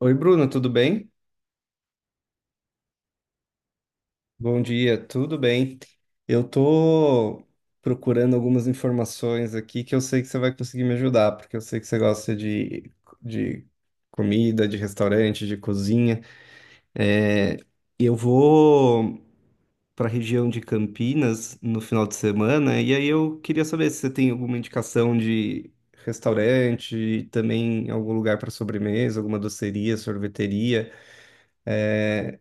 Oi, Bruno, tudo bem? Bom dia, tudo bem? Eu tô procurando algumas informações aqui que eu sei que você vai conseguir me ajudar, porque eu sei que você gosta de comida, de restaurante, de cozinha. É, eu vou para a região de Campinas no final de semana, e aí eu queria saber se você tem alguma indicação de restaurante, também algum lugar para sobremesa, alguma doceria, sorveteria. É,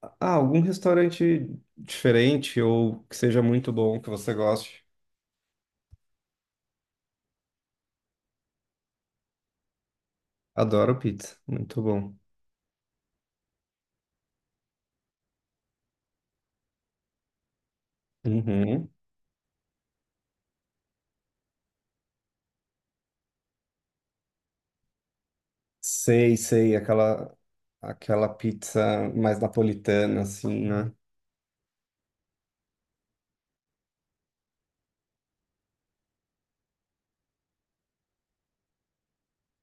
Algum restaurante diferente ou que seja muito bom, que você goste. Adoro pizza, muito bom. Uhum. Sei, sei, aquela pizza mais napolitana assim, né?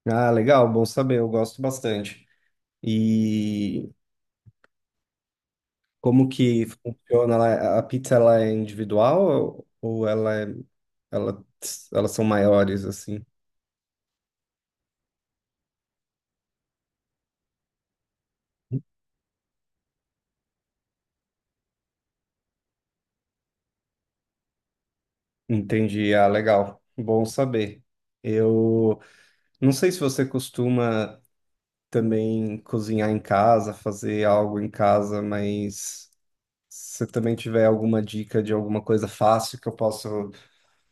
Ah, legal, bom saber, eu gosto bastante. E como que funciona? A pizza, ela é individual ou ela elas são maiores assim? Entendi. Ah, legal. Bom saber. Eu não sei se você costuma também cozinhar em casa, fazer algo em casa, mas se você também tiver alguma dica de alguma coisa fácil que eu possa,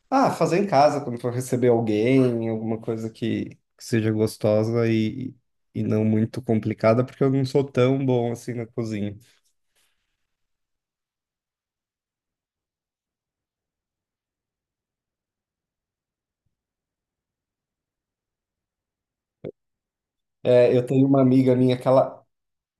fazer em casa quando for receber alguém, alguma coisa que seja gostosa e não muito complicada, porque eu não sou tão bom assim na cozinha. Eu tenho uma amiga minha que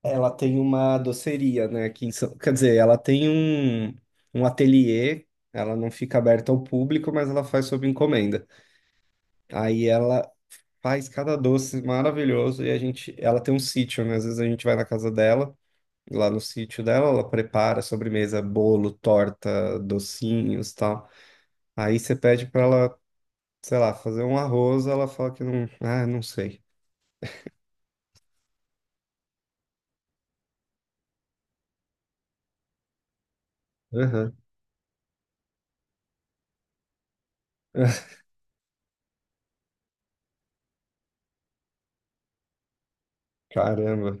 ela tem uma doceria, né, aqui em São... Quer dizer, ela tem um ateliê, ela não fica aberta ao público, mas ela faz sob encomenda. Aí ela, Faz cada doce maravilhoso e a gente, ela tem um sítio, né? Às vezes a gente vai na casa dela, lá no sítio dela, ela prepara sobremesa, bolo, torta, docinhos, tal. Aí você pede pra ela, sei lá, fazer um arroz, ela fala que não, ah, não sei. Aham. Caramba.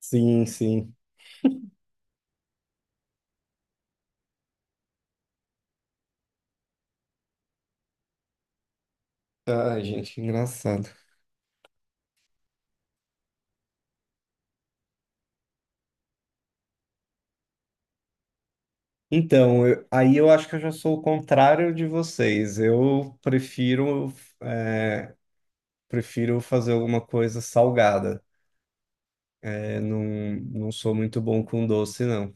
Sim, sim. Ai, gente, engraçado. Então, aí eu acho que eu já sou o contrário de vocês. Eu é, prefiro fazer alguma coisa salgada. Eu não, Não sou muito bom com doce, não.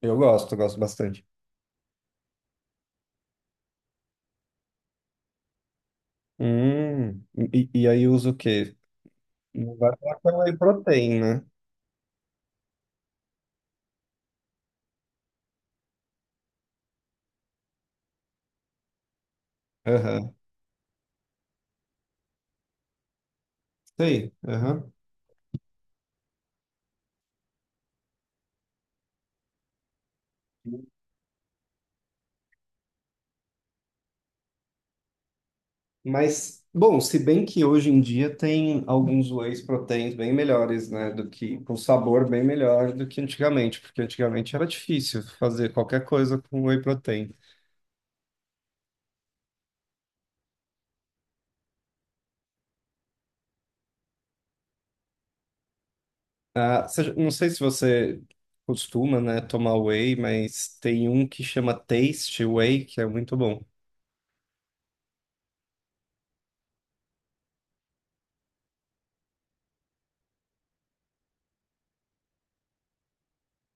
Eu gosto, gosto bastante. Hum, e aí uso o quê? Não vai falar com whey protein, né? Aham. Sei, aham. Mas, bom, se bem que hoje em dia tem alguns whey proteins bem melhores, né? Do que, com sabor bem melhor do que antigamente, porque antigamente era difícil fazer qualquer coisa com whey protein. Não sei se você costuma, né, tomar whey, mas tem um que chama Taste Whey, que é muito bom.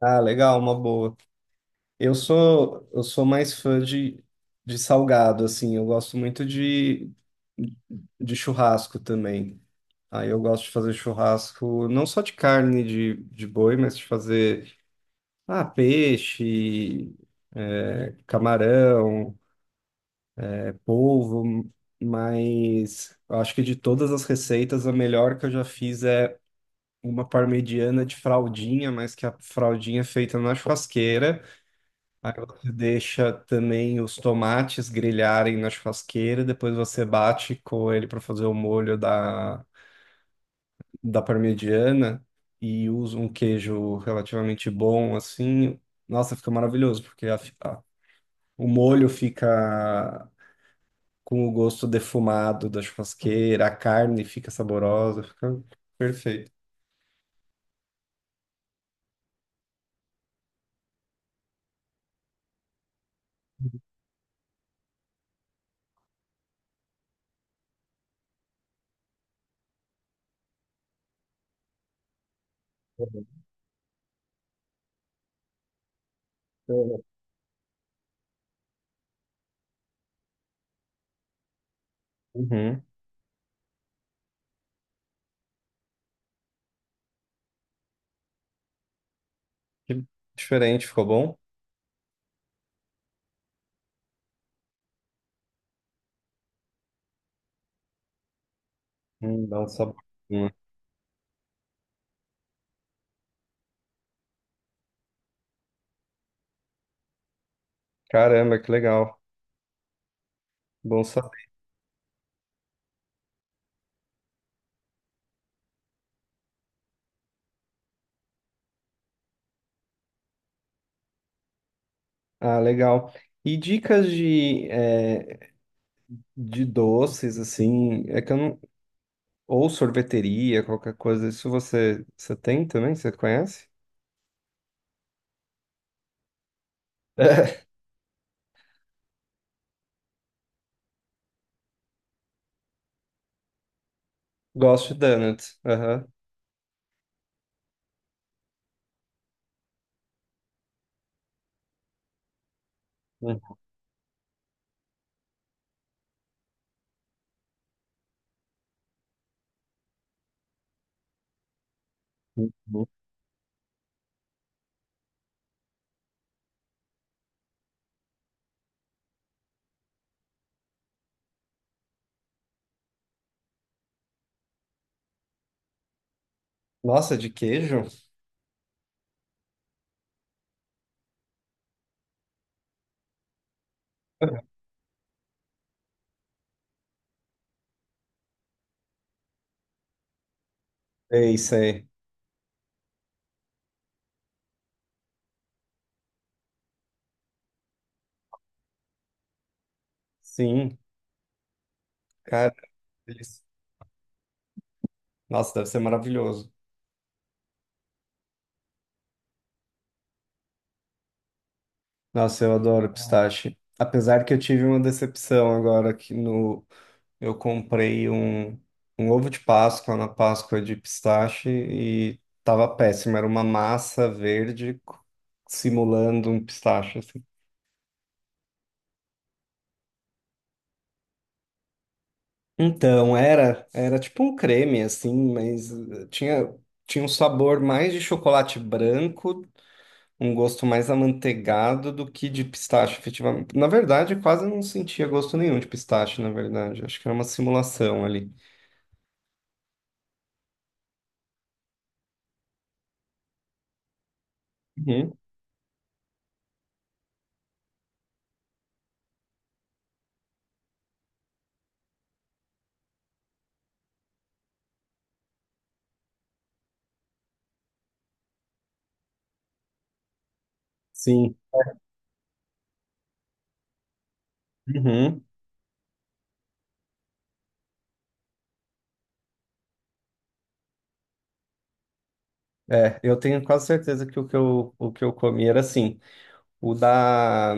Ah, legal, uma boa. Eu sou mais fã de salgado, assim. Eu gosto muito de churrasco também. Aí eu gosto de fazer churrasco não só de carne de boi, mas de fazer peixe, camarão, polvo. Mas eu acho que de todas as receitas, a melhor que eu já fiz é uma parmegiana de fraldinha, mas que a fraldinha é feita na churrasqueira. Aí você deixa também os tomates grelharem na churrasqueira, depois você bate com ele para fazer o molho da parmegiana e usa um queijo relativamente bom, assim. Nossa, fica maravilhoso, porque a- o molho fica com o gosto defumado da churrasqueira, a carne fica saborosa, fica perfeito. Uhum. Que diferente, ficou bom? Dá um sabor. Caramba, que legal. Bom saber. Ah, legal. E dicas de, de doces, assim, é que eu não... Ou sorveteria, qualquer coisa. Isso você, você tem também? Você conhece? Gosto de donuts. Aham. Uhum. Nossa, de queijo? Sei, sei. Sim, cara. Delícia. Nossa, deve ser maravilhoso. Nossa, eu adoro pistache. Apesar que eu tive uma decepção agora aqui no, eu comprei um ovo de Páscoa na Páscoa de pistache e tava péssimo. Era uma massa verde simulando um pistache, assim. Então, era tipo um creme, assim, mas tinha um sabor mais de chocolate branco, um gosto mais amanteigado do que de pistache, efetivamente. Na verdade, eu quase não sentia gosto nenhum de pistache, na verdade. Acho que era uma simulação ali. Uhum. Sim. Uhum. É, eu tenho quase certeza que o que eu comi era assim. O da.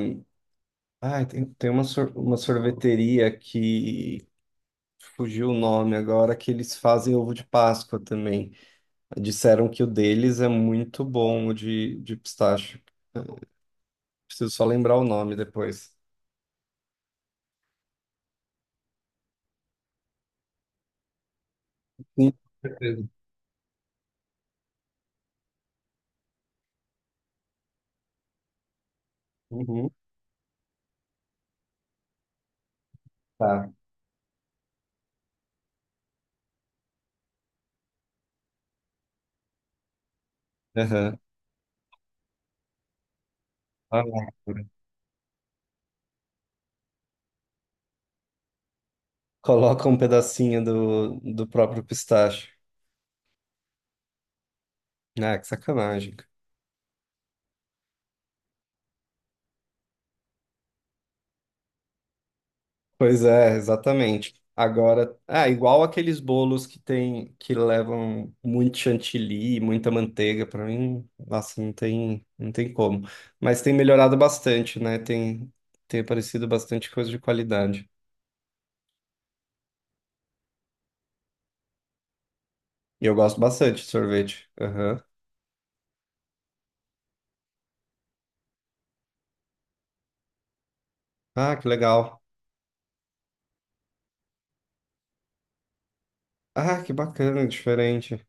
Ai, tem, tem uma, uma sorveteria que fugiu o nome agora, que eles fazem ovo de Páscoa também. Disseram que o deles é muito bom, o de pistache. Eu preciso só lembrar o nome depois. Sim, com certeza. Uhum, tá. Aham. Ah, coloca um pedacinho do próprio pistache. Ah, que sacanagem. Pois é, exatamente. Agora, ah, igual aqueles bolos que tem que levam muito chantilly, muita manteiga, para mim, nossa, não tem, não tem como. Mas tem melhorado bastante, né? Tem aparecido bastante coisa de qualidade. E eu gosto bastante de sorvete. Aham. Ah, que legal. Ah, que bacana, diferente.